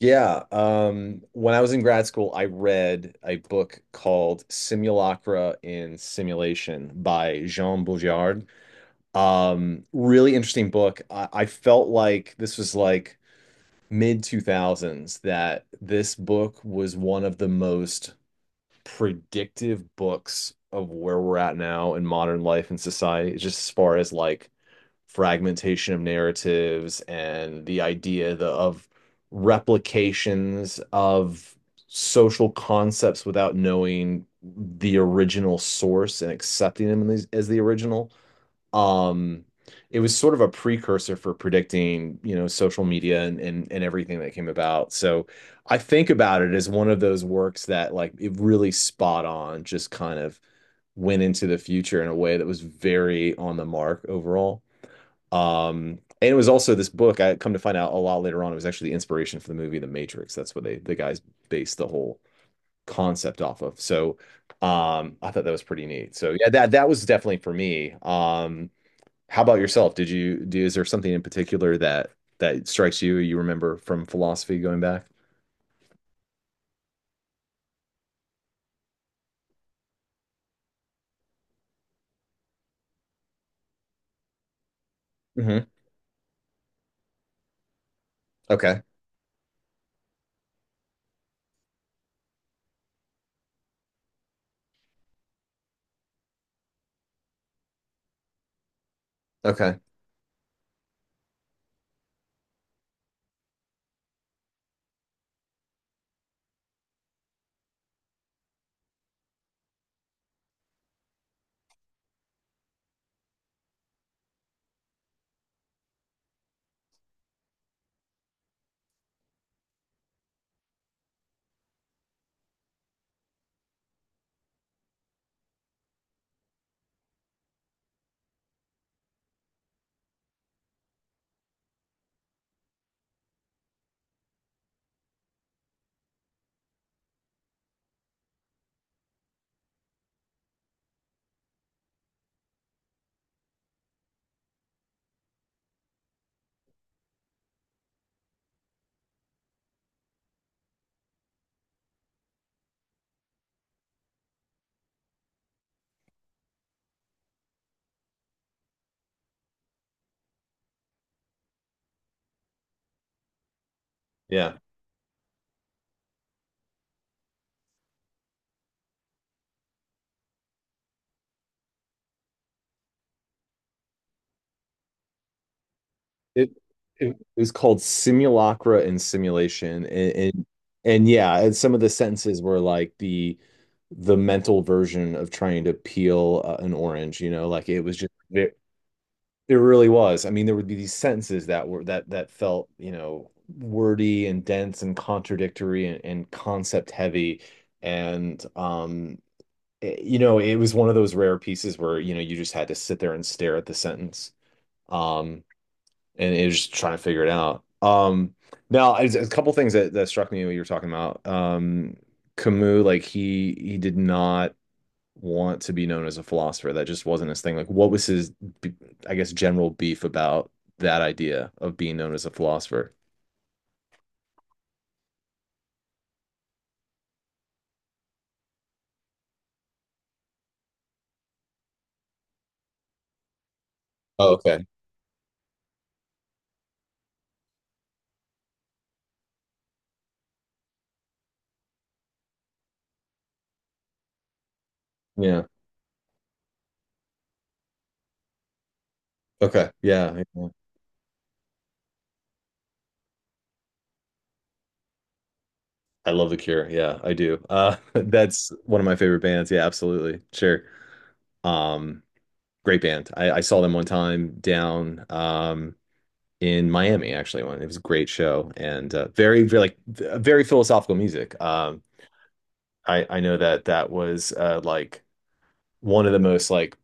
Yeah, when I was in grad school, I read a book called Simulacra in Simulation by Jean Bouvard. Really interesting book. I felt like this was like mid 2000s that this book was one of the most predictive books of where we're at now in modern life and society, just as far as like fragmentation of narratives and the idea of replications of social concepts without knowing the original source and accepting them as the original. Um, it was sort of a precursor for predicting, social media and, and everything that came about. So I think about it as one of those works that like it really spot on, just kind of went into the future in a way that was very on the mark overall. And it was also this book. I come to find out a lot later on. It was actually the inspiration for the movie The Matrix. That's what the guys based the whole concept off of. So I thought that was pretty neat. So yeah, that was definitely for me. How about yourself? Did you do? Is there something in particular that strikes you? You remember from philosophy going back? Hmm. Okay. Okay. Yeah. It it was called Simulacra and Simulation, and yeah, and some of the sentences were like the mental version of trying to peel an orange. You know, like it was just it really was. I mean, there would be these sentences that were that felt wordy and dense and contradictory and concept heavy, and um. You know, it was one of those rare pieces where, you know, you just had to sit there and stare at the sentence. Um, and it was just trying to figure it out. A couple things that struck me when you were talking about Camus, like he did not want to be known as a philosopher. That just wasn't his thing. Like, what was b- I guess, general beef about that idea of being known as a philosopher? Oh, okay. Yeah. Okay. Yeah, yeah. I love The Cure. Yeah, I do. That's one of my favorite bands. Yeah, absolutely. Sure. Um, Great band. I saw them one time down in Miami, actually. One, it was a great show and very, very like very philosophical music. I know that that was like one of the most like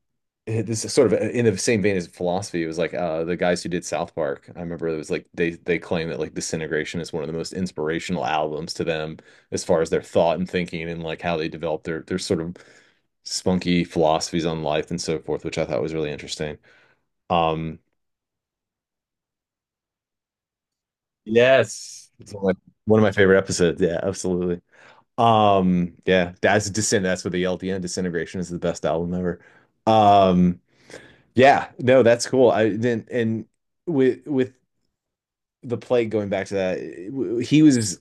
eh, this is sort of in the same vein as philosophy. It was like the guys who did South Park. I remember it was like they claim that like Disintegration is one of the most inspirational albums to them as far as their thought and thinking and like how they develop their sort of spunky philosophies on life and so forth, which I thought was really interesting. Um, Yes. It's like one of my favorite episodes. Yeah, absolutely. Yeah, that's Descent. That's what they yell at the end. Disintegration is the best album ever. Um, yeah, no, that's cool. I then and with the plague going back to that, it- w- he was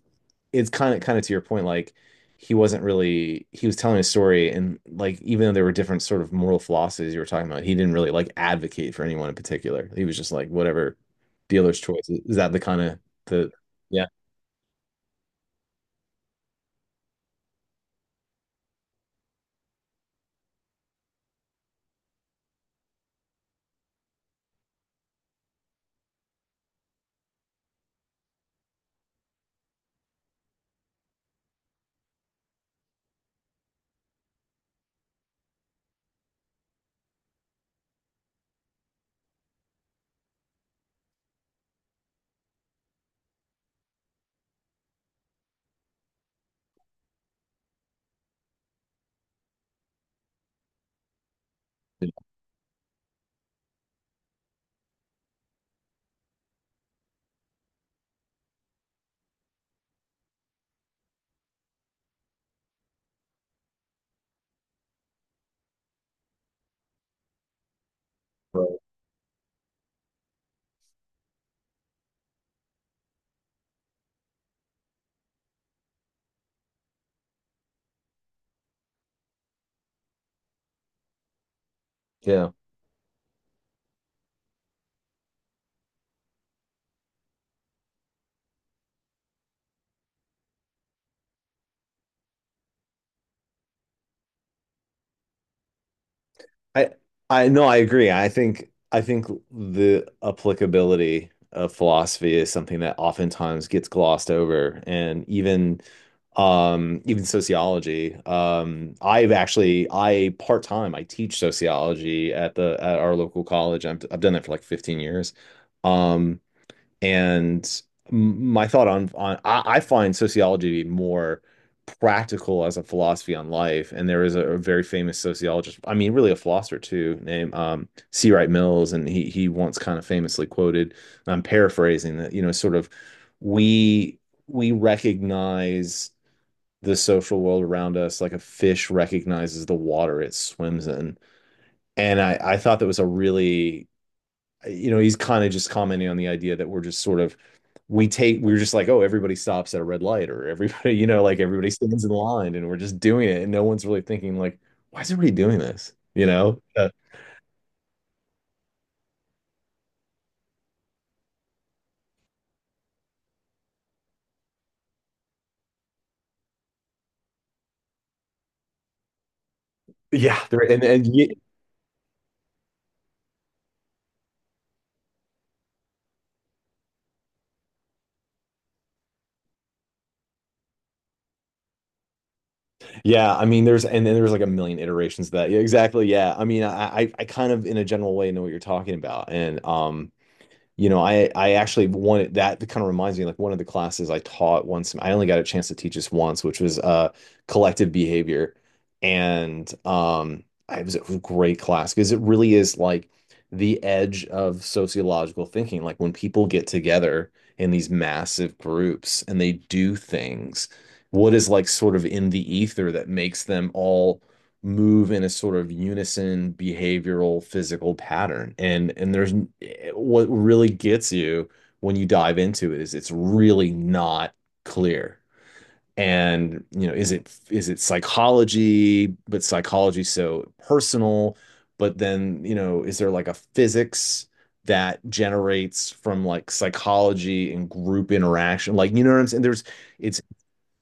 it's kind of to your point, like he wasn't really he was telling a story, and like even though there were different sort of moral philosophies you were talking about, he didn't really like advocate for anyone in particular. He was just like whatever dealer's choice. Is that the kind of the yeah. Yeah. I I no, I agree. I think the applicability of philosophy is something that oftentimes gets glossed over, and even even sociology. I've actually I Part time I teach sociology at the at our local college. I've done that for like 15 years. Um, And my thought on I find sociology to be more practical as a philosophy on life. And there is a very famous sociologist, I mean, really a philosopher too, named C. Wright Mills, and he once kind of famously quoted, and I'm paraphrasing that, you know, sort of we we recognize the social world around us like a fish recognizes the water it swims in. And I thought that was a really you know, he's kind of just commenting on the idea that we're just sort of we're just like, oh, everybody stops at a red light or everybody, you know, like everybody stands in line and we're just doing it and no one's really thinking like, why is everybody doing this? You know? Yeah, there and and ye- yeah, I mean, there's and then there's like a million iterations of that. Yeah, exactly. Yeah, I mean, I kind of in a general way know what you're talking about, and you know, I actually wanted that. That kind of reminds me like one of the classes I taught once. I only got a chance to teach this once, which was collective behavior. And it was a great class because it really is like the edge of sociological thinking. Like when people get together in these massive groups and they do things, what is like sort of in the ether that makes them all move in a sort of unison behavioral physical pattern, and there's what really gets you when you dive into it is it's really not clear, and you know is it psychology, but psychology so personal, but then you know is there like a physics that generates from like psychology and group interaction, like you know what I'm saying? there's it's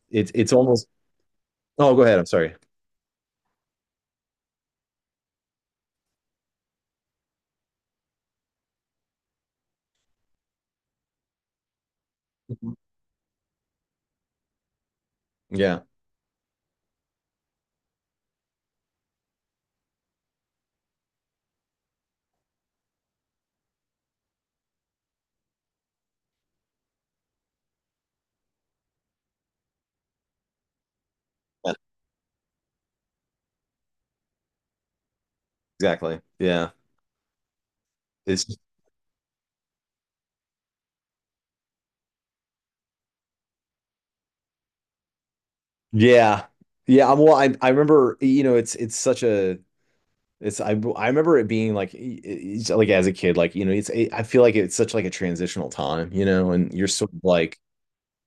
it's it's almost oh go ahead I'm sorry. Mhm. Yeah. Yeah, exactly, yeah. It's yeah. Yeah, I'm well I remember you know it's such a it's I remember it being like like as a kid, like you know it's it, I feel like it's such like a transitional time, you know, and you're sort of like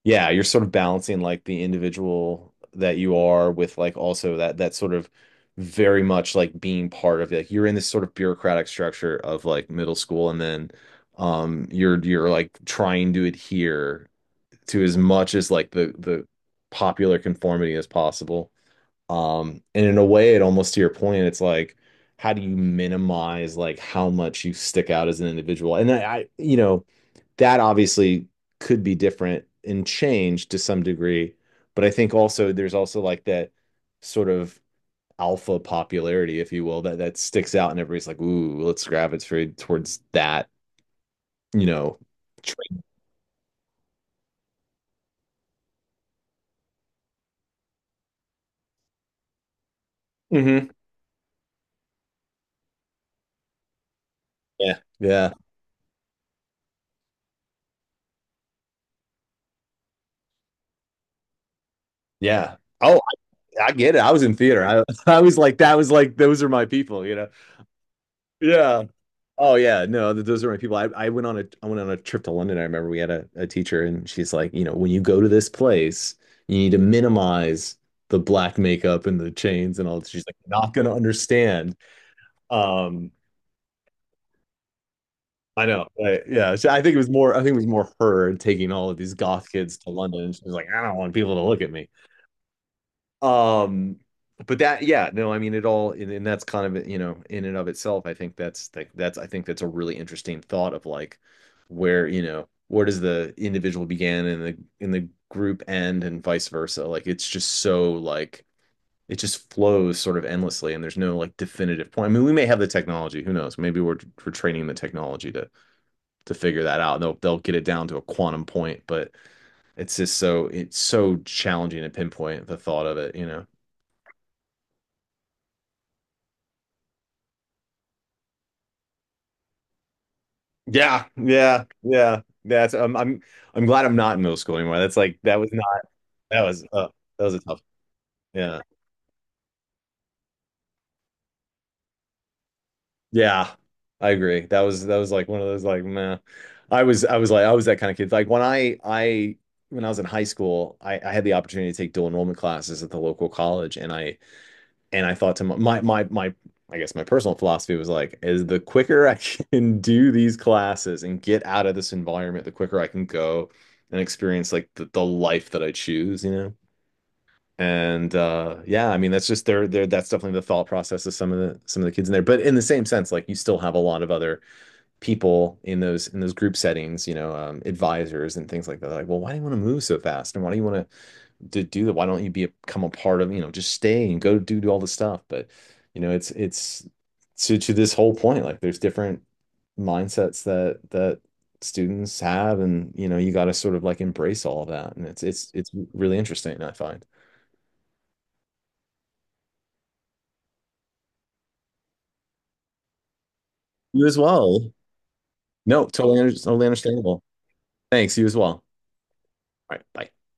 yeah, you're sort of balancing like the individual that you are with like also that that sort of very much like being part of like you're in this sort of bureaucratic structure of like middle school, and then you're like trying to adhere to as much as like the popular conformity as possible. And in a way, it almost to your point, it's like, how do you minimize like how much you stick out as an individual? And I you know, that obviously could be different and changed to some degree. But I think also there's also like that sort of alpha popularity, if you will, that that sticks out, and everybody's like, ooh, let's gravitate towards that, you know, trait. Hmm. Yeah. Yeah. Yeah. Oh, I get it. I was in theater. I, I was like, that was like, those are my people, you know? Yeah. Oh yeah, no, those are my people. I went on a I went on a trip to London. I remember we had a teacher, and she's like, you know, when you go to this place, you need to minimize the black makeup and the chains and all that. She's like, not gonna understand. Um, I know. Right. Yeah. So I think it was more. I think it was more her taking all of these goth kids to London. She was like, I don't want people to look at me. Um, but that, yeah, no, I mean it all, and that's kind of you know, in and of itself, I think that's like that's I think that's a really interesting thought of like where you know where does the individual begin and the in the group end and vice versa. Like it's just so like it just flows sort of endlessly, and there's no like definitive point. I mean, we may have the technology, who knows? Maybe we're training the technology to figure that out. They'll get it down to a quantum point, but it's just so it's so challenging to pinpoint the thought of it, you know. Yeah, yeah, yeah. That's I'm glad I'm not in middle school anymore. That's like that was not that was uh, that was a tough. Yeah. Yeah. I agree. That was like one of those like meh. I was like I was that kind of kid. When I was in high school, I had the opportunity to take dual enrollment classes at the local college, and I thought to my my my I guess my personal philosophy was like, is the quicker I can do these classes and get out of this environment, the quicker I can go and experience like the life that I choose, you know? And yeah, I mean that's just their that's definitely the thought process of some of the kids in there. But in the same sense, like you still have a lot of other people in those group settings, you know, advisors and things like that. Like, well, why do you want to move so fast? And why do you want to do that. Why don't you be a, become a part of, you know, just stay and go do, do all the stuff. But, you know, it's to this whole point, like there's different mindsets that students have. And, you know, you got to sort of like embrace all of that. And it's really interesting, I find. You as well. No, totally, totally understandable. Thanks. You as well. All right. Bye.